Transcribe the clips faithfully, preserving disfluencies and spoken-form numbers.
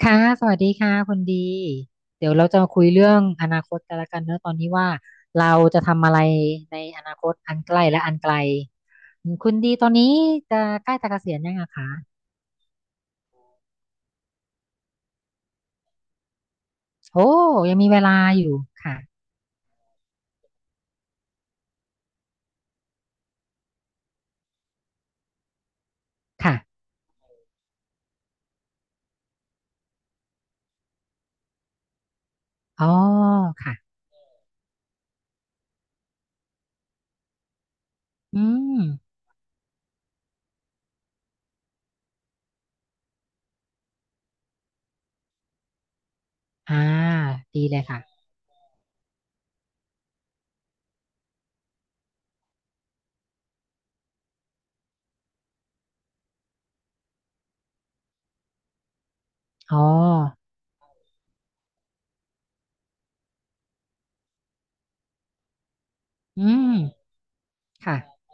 ค่ะสวัสดีค่ะคุณดีเดี๋ยวเราจะมาคุยเรื่องอนาคตกันละกันเนอะตอนนี้ว่าเราจะทำอะไรในอนาคตอันใกล้และอันไกลอืมคุณดีตอนนี้จะใกล้จะเกษียณยังอะคะโอ้ยังมีเวลาอยู่ค่ะค่ะอ๋อค่ะอืมอ่าดีเลยค่ะอ๋ออืมค่ะ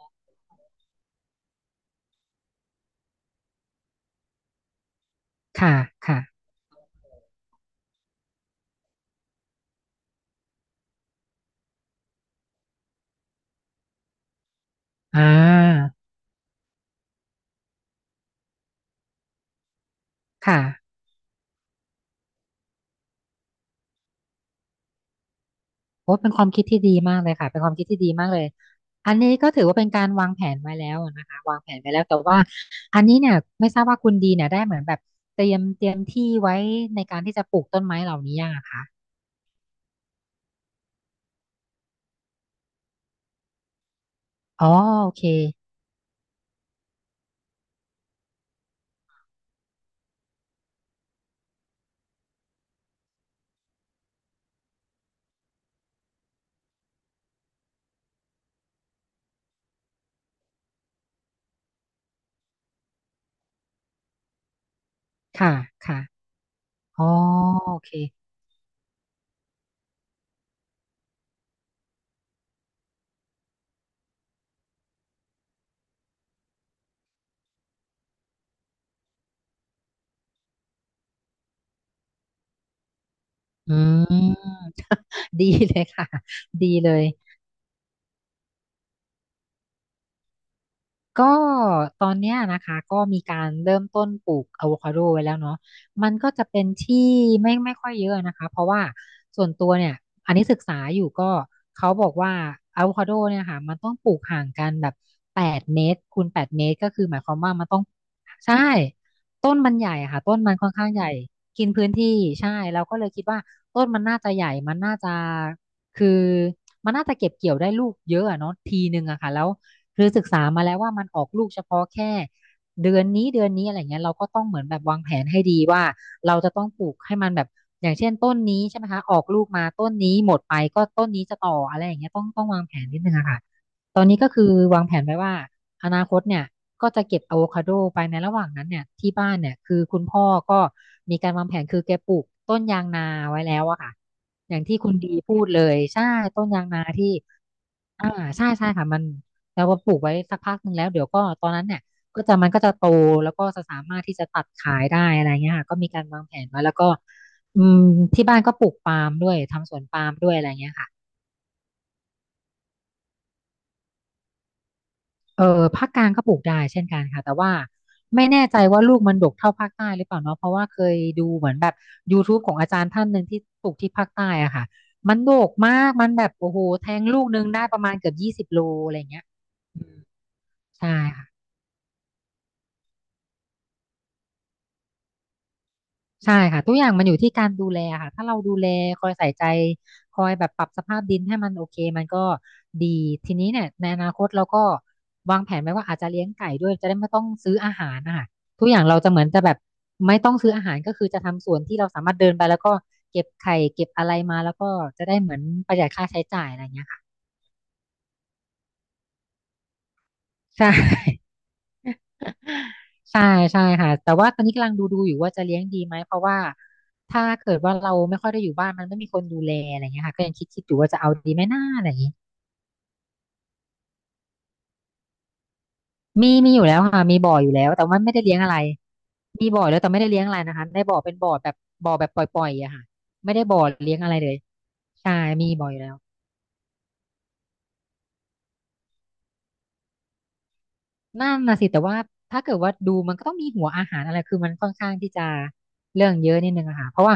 ค่ะค่ะอ่าค่ะ โอ้เป็นความคิดที่ดีมากเลยค่ะเป็นความคิดที่ดีมากเลยอันนี้ก็ถือว่าเป็นการวางแผนไว้แล้วนะคะวางแผนไว้แล้วแต่ว่าอันนี้เนี่ยไม่ทราบว่าคุณดีเนี่ยได้เหมือนแบบเตรียมเตรียมที่ไว้ในการที่จะปลูกต้นไม้เหล่านี้ยังอะคะอ๋อโอเคค่ะค่ะอ๋อโอเคอืมดีเลยค่ะดีเลย ก็ตอนเนี้ยนะคะก็มีการเริ่มต้นปลูกอะโวคาโดไว้แล้วเนาะมันก็จะเป็นที่ไม่ไม่ค่อยเยอะนะคะเพราะว่าส่วนตัวเนี่ยอันนี้ศึกษาอยู่ก็เขาบอกว่าอะโวคาโดเนี่ยค่ะมันต้องปลูกห่างกันแบบแปดเมตรคูณแปดเมตรก็คือหมายความว่ามันต้องใช่ต้นมันใหญ่อะค่ะต้นมันค่อนข้างใหญ่กินพื้นที่ใช่เราก็เลยคิดว่าต้นมันน่าจะใหญ่มันน่าจะคือมันน่าจะเก็บเกี่ยวได้ลูกเยอะอะเนาะทีหนึ่งอะค่ะแล้ว คือศึกษามาแล้วว่ามันออกลูกเฉพาะแค่เดือนนี้เดือนนี้อะไรเงี้ยเราก็ต้องเหมือนแบบวางแผนให้ดีว่าเราจะต้องปลูกให้มันแบบอย่างเช่นต้นนี้ใช่ไหมคะออกลูกมาต้นนี้หมดไปก็ต้นนี้จะต่ออะไรอย่างเงี้ยต้องต้องวางแผนนิดนึงอะค่ะตอนนี้ก็คือวางแผนไว้ว่าอนาคตเนี่ยก็จะเก็บอะโวคาโดไปในระหว่างนั้นเนี่ยที่บ้านเนี่ยคือคุณพ่อก็มีการวางแผนคือแกปลูกต้นยางนาไว้แล้วอะค่ะอย่างที่คุณดีพูดเลยใช่ต้นยางนาที่ อ่าใช่ใช่ค่ะมันเราก็ปลูกไว้สักพักหนึ่งแล้วเดี๋ยวก็ตอนนั้นเนี่ยก็จะมันก็จะโตแล้วก็จะสามารถที่จะตัดขายได้อะไรเงี้ยค่ะก็มีการวางแผนไว้แล้วก็อืมที่บ้านก็ปลูกปาล์มด้วยทำสวนปาล์มด้วยอะไรเงี้ยค่ะเออภาคกลางก็ปลูกได้เช่นกันค่ะแต่ว่าไม่แน่ใจว่าลูกมันดกเท่าภาคใต้หรือเปล่าเนาะเพราะว่าเคยดูเหมือนแบบ ยูทูบ ของอาจารย์ท่านหนึ่งที่ปลูกที่ภาคใต้อะค่ะมันดกมากมันแบบโอ้โหแทงลูกหนึงได้ประมาณเกือบยี่สิบโลอะไรเงี้ยใช่ค่ะ ใช่ค่ะทุกอย่างมันอยู่ที่การดูแลค่ะถ้าเราดูแลคอยใส่ใจคอยแบบปรับสภาพดินให้มันโอเคมันก็ดีทีนี้เนี่ยในอนาคตเราก็วางแผนไว้ว่าอาจจะเลี้ยงไก่ด้วยจะได้ไม่ต้องซื้ออาหารนะคะทุกอย่างเราจะเหมือนจะแบบไม่ต้องซื้ออาหารก็คือจะทำสวนที่เราสามารถเดินไปแล้วก็เก็บไข่เก็บอะไรมาแล้วก็จะได้เหมือนประหยัดค่าใช้จ่ายอะไรอย่างเงี้ยค่ะใช่ ใช่ใช่ค่ะแต่ว่าตอนนี้กำลังดูดูอยู่ว่าจะเลี้ยงดีไหมเพราะว่าถ้าเกิดว่าเราไม่ค่อยได้อยู่บ้านมันไม่มีคนดูแลอะไรเงี้ยค่ะก็ยังคิดคิดอยู่ว่าจะเอาดีไหมหน้าอะไรอย่างงี้มีมีอยู่แล้วค่ะมีบ่ออยู่แล้วแต่ว่าไม่ได้เลี้ยงอะไรมีบ่อแล้วแต่ไม่ได้เลี้ยงอะไรนะคะได้บ่อเป็นบ่อแบบบ่อแบบปล่อยๆอะค่ะไม่ได้บ่อเลี้ยงอะไรเลยใช่มีบ่ออยู่แล้ว นั่นน่ะสิแต่ว่าถ้าเกิดว่าดูมันก็ต้องมีหัวอาหารอะไรคือมันค่อนข้างที่จะเรื่องเยอะนิดนึงอะค่ะเพราะว่า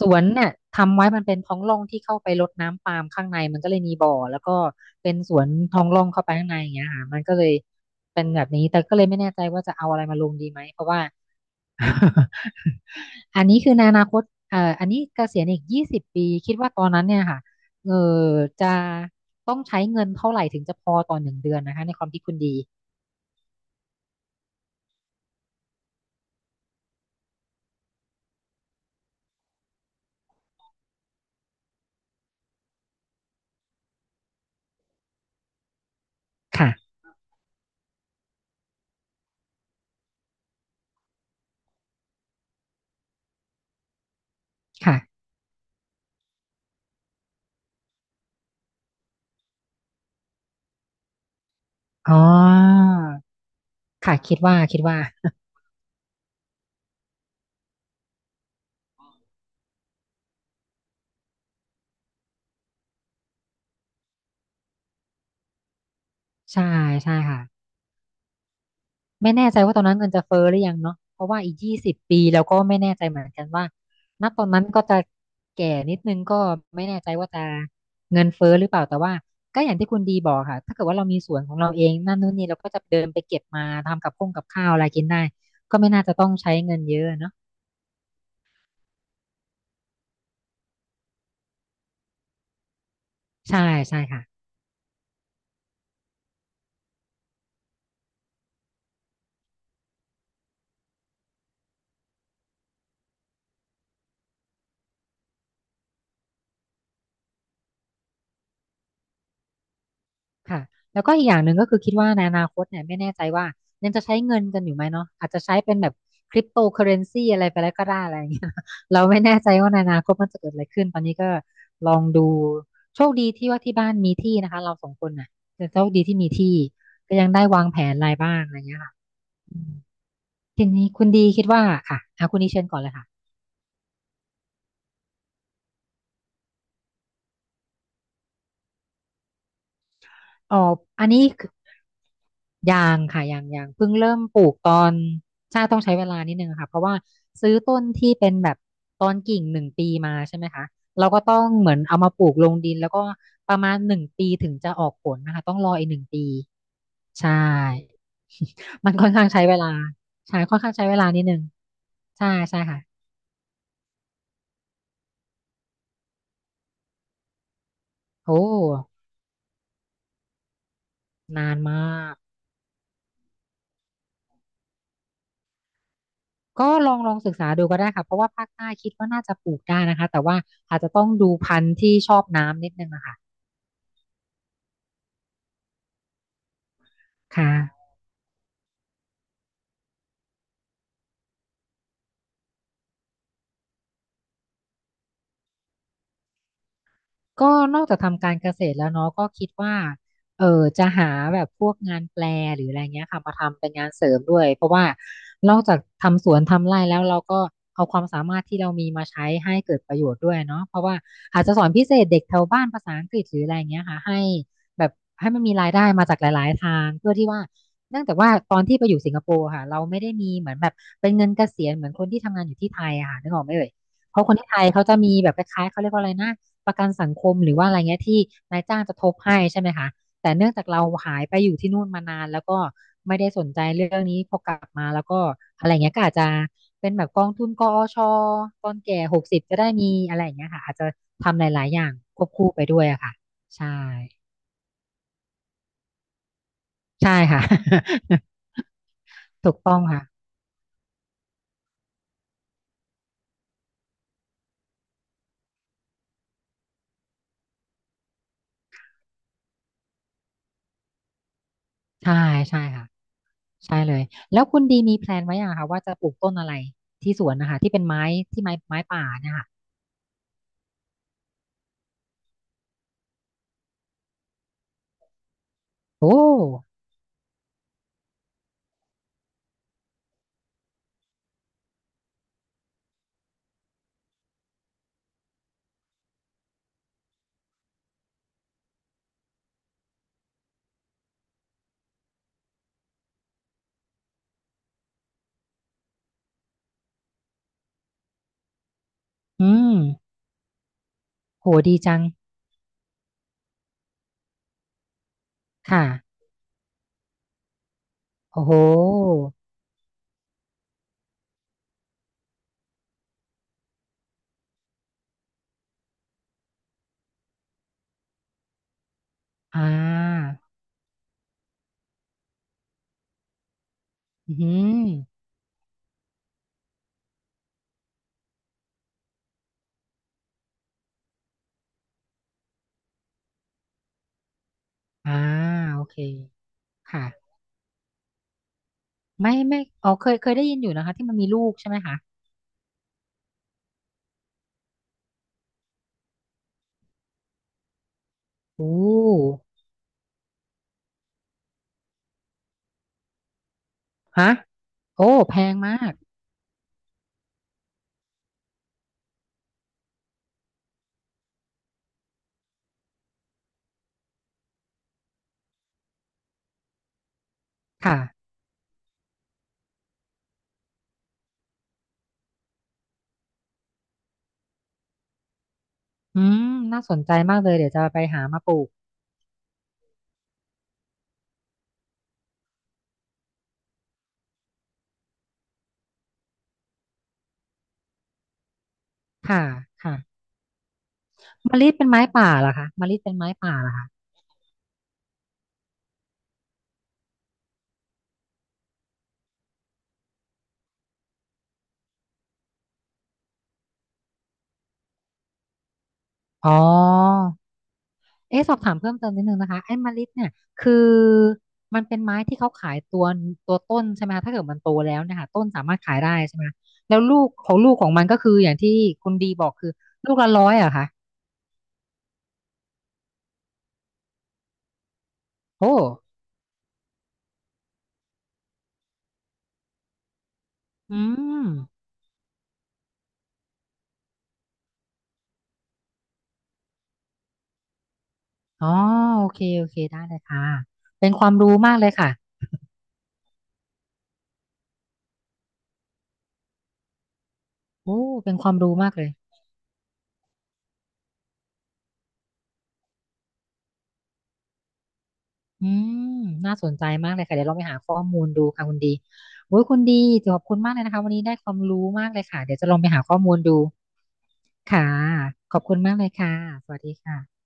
สวนเนี่ยทำไว้มันเป็นท้องร่องที่เข้าไปรดน้ำปาล์มข้างในมันก็เลยมีบ่อแล้วก็เป็นสวนท้องร่องเข้าไปข้างในอย่างเงี้ยค่ะมันก็เลยเป็นแบบนี้แต่ก็เลยไม่แน่ใจว่าจะเอาอะไรมาลงดีไหมเพราะว่า อันนี้คือในอนาคตเอ่ออันนี้เกษียณอีกยี่สิบปีคิดว่าตอนนั้นเนี่ยค่ะเออจะต้องใช้เงินเท่าไหร่ถึงจะพอต่อหนึ่งเดือนนะคะในความคิดคุณดีค่ะ ค่ะอ๋อค่ะคิดว่าคิดว่าใช่ ใช่ค่ะ ไม่แน่ใจว่าตอนนั้นเงินจะเฟ้อหรือยังเนาะเพราะว่าอีกยี่สิบปีเราก็ไม่แน่ใจเหมือนกันว่าณตอนนั้นก็จะแก่นิดนึงก็ไม่แน่ใจว่าจะเงินเฟ้อหรือเปล่า แต่ว่าก็อย่างที่คุณดีบอกค่ะถ้าเกิดว่าเรามีสวนของเราเองนั่นนู่นนี่เราก็จะเดินไปเก็บมาทำกับข้องกับข้าวอะไรกินได้ก็ไม่น่าจะต้องใช้เงินเยอะเนาะใช่ใช่ค่ะ ค่ะแล้วก็อีกอย่างหนึ่งก็คือคิดว่าในอนาคตเนี่ยไม่แน่ใจว่ายังจะใช้เงินกันอยู่ไหมเนาะอาจจะใช้เป็นแบบคริปโตเคอเรนซีอะไรไปแล้วก็ได้อะไรอย่างเงี้ย เราไม่แน่ใจว่าในอนาคตมันจะเกิดอะไรขึ้นตอนนี้ก็ลองดูโชคดีที่ว่าที่บ้านมีที่นะคะเราสองคนน่ะแต่โชคดีที่มีที่ก็ยังได้วางแผนรายบ้างอะไรเงี้ยค่ะอืมทีนี้คุณดีคิดว่าค่ะอ่ะคุณดีเชิญก่อนเลยค่ะ อ๋ออันนี้คือยางค่ะยางยางเพิ่งเริ่มปลูกตอนใช่ต้องใช้เวลานิดนึงค่ะเพราะว่าซื้อต้นที่เป็นแบบตอนกิ่งหนึ่งปีมาใช่ไหมคะเราก็ต้องเหมือนเอามาปลูกลงดินแล้วก็ประมาณหนึ่งปีถึงจะออกผลนะคะต้องรออีกหนึ่งปีใช่ มันค่อนข้างใช้เวลาใช่ค่อนข้างใช้เวลานิดนึงใช่ใช่ค่ะโอ้นานมาก ก็ลองลองศึกษาดูก็ได้ค่ะเพราะว่าภาคใต้คิดว่าน่าจะปลูกได้นะคะแต่ว่าอาจจะต้องดูพันธุ์ที่ชอบน้ำนิดนึงอะค่ะค่ะ ก็นอกจากทำการเกษตรแล้วเนาะก็คิดว่าเออจะหาแบบพวกงานแปลหรืออะไรเงี้ยค่ะมาทำเป็นงานเสริมด้วยเพราะว่านอกจากทำสวนทำไร่แล้วเราก็เอาความสามารถที่เรามีมาใช้ให้เกิดประโยชน์ด้วยเนาะเพราะว่าอาจจะสอนพิเศษเด็กแถวบ้านภาษาอังกฤษหรืออะไรเงี้ยค่ะให้แบบให้มันมีรายได้มาจากหลายๆทางเพื่อที่ว่าเนื่องจากว่าตอนที่ไปอยู่สิงคโปร์ค่ะเราไม่ได้มีเหมือนแบบเป็นเงินเกษียณเหมือนคนที่ทำงานอยู่ที่ไทยอะค่ะนึกออกไหมเอ่ยเพราะคนที่ไทยเขาจะมีแบบคล้ายๆเขาเรียกว่าอะไรนะ ประกันสังคมหรือว่าอะไรเงี้ยที่นายจ้างจะทบให้ใช่ไหมคะแต่เนื่องจากเราหายไปอยู่ที่นู่นมานานแล้วก็ไม่ได้สนใจเรื่องนี้พอกลับมาแล้วก็อะไรเงี้ยก็อาจจะเป็นแบบกองทุนกอชตอนแก่หกสิบจะได้มีอะไรอย่างเงี้ยค่ะอาจจะทำหลายๆอย่างควบคู่ไปด้วยอะค่ะใช่ใช่ค่ะ ถูกต้องค่ะใช่ใช่ค่ะใช่เลยแล้วคุณดีมีแพลนไว้ยังคะว่าจะปลูกต้นอะไรที่สวนนะคะที่เป็นไม้ที่ไม้ไม้ป่าเนี่ยค่ะโอ้อืมโหดีจัง ค่ะโอ้โหอ่าอืมอ่าโอเคค่ะไม่ไม่อ๋อเคยเคยได้ยินอยู่นะคะที่มันมีลูกใช่ไหมคะโอ้ฮะโอ้แพงมากค่ะอืมน่าสนใจมากเลยเดี๋ยวจะไปหามาปลูกค่ะค่ะมะลิเป็นไม้ป่าเหรอคะมะลิเป็นไม้ป่าเหรอคะอ๋อ เอ๊ะสอบถามเพิ่มเติมนิดนึงนะคะไอ้มะลิเนี่ยคือมันเป็นไม้ที่เขาขายตัวตัวต้นใช่ไหมคะถ้าเกิดมันโตแล้วเนะคะต้นสามารถขายได้ใช่ไหมคะแล้วลูกของลูกของมันก็คืออย่างที่คุณดีบอกคือลูกละร้อยอะคะโอ้อืมอ๋อโอเคโอเคได้เลยค่ะเป็นความรู้มากเลยค่ะโอ้เป็นความรู้มากเลยอืมน่าสนใจมากเลยค่ะเดี๋ยวเราไปหาข้อมูลดูค่ะคุณดีโอ้ยคุณดีขอบคุณมากเลยนะคะวันนี้ได้ความรู้มากเลยค่ะเดี๋ยวจะลองไปหาข้อมูลดู ค่ะขอบคุณมากเลยค่ะสวัสดีค่ะ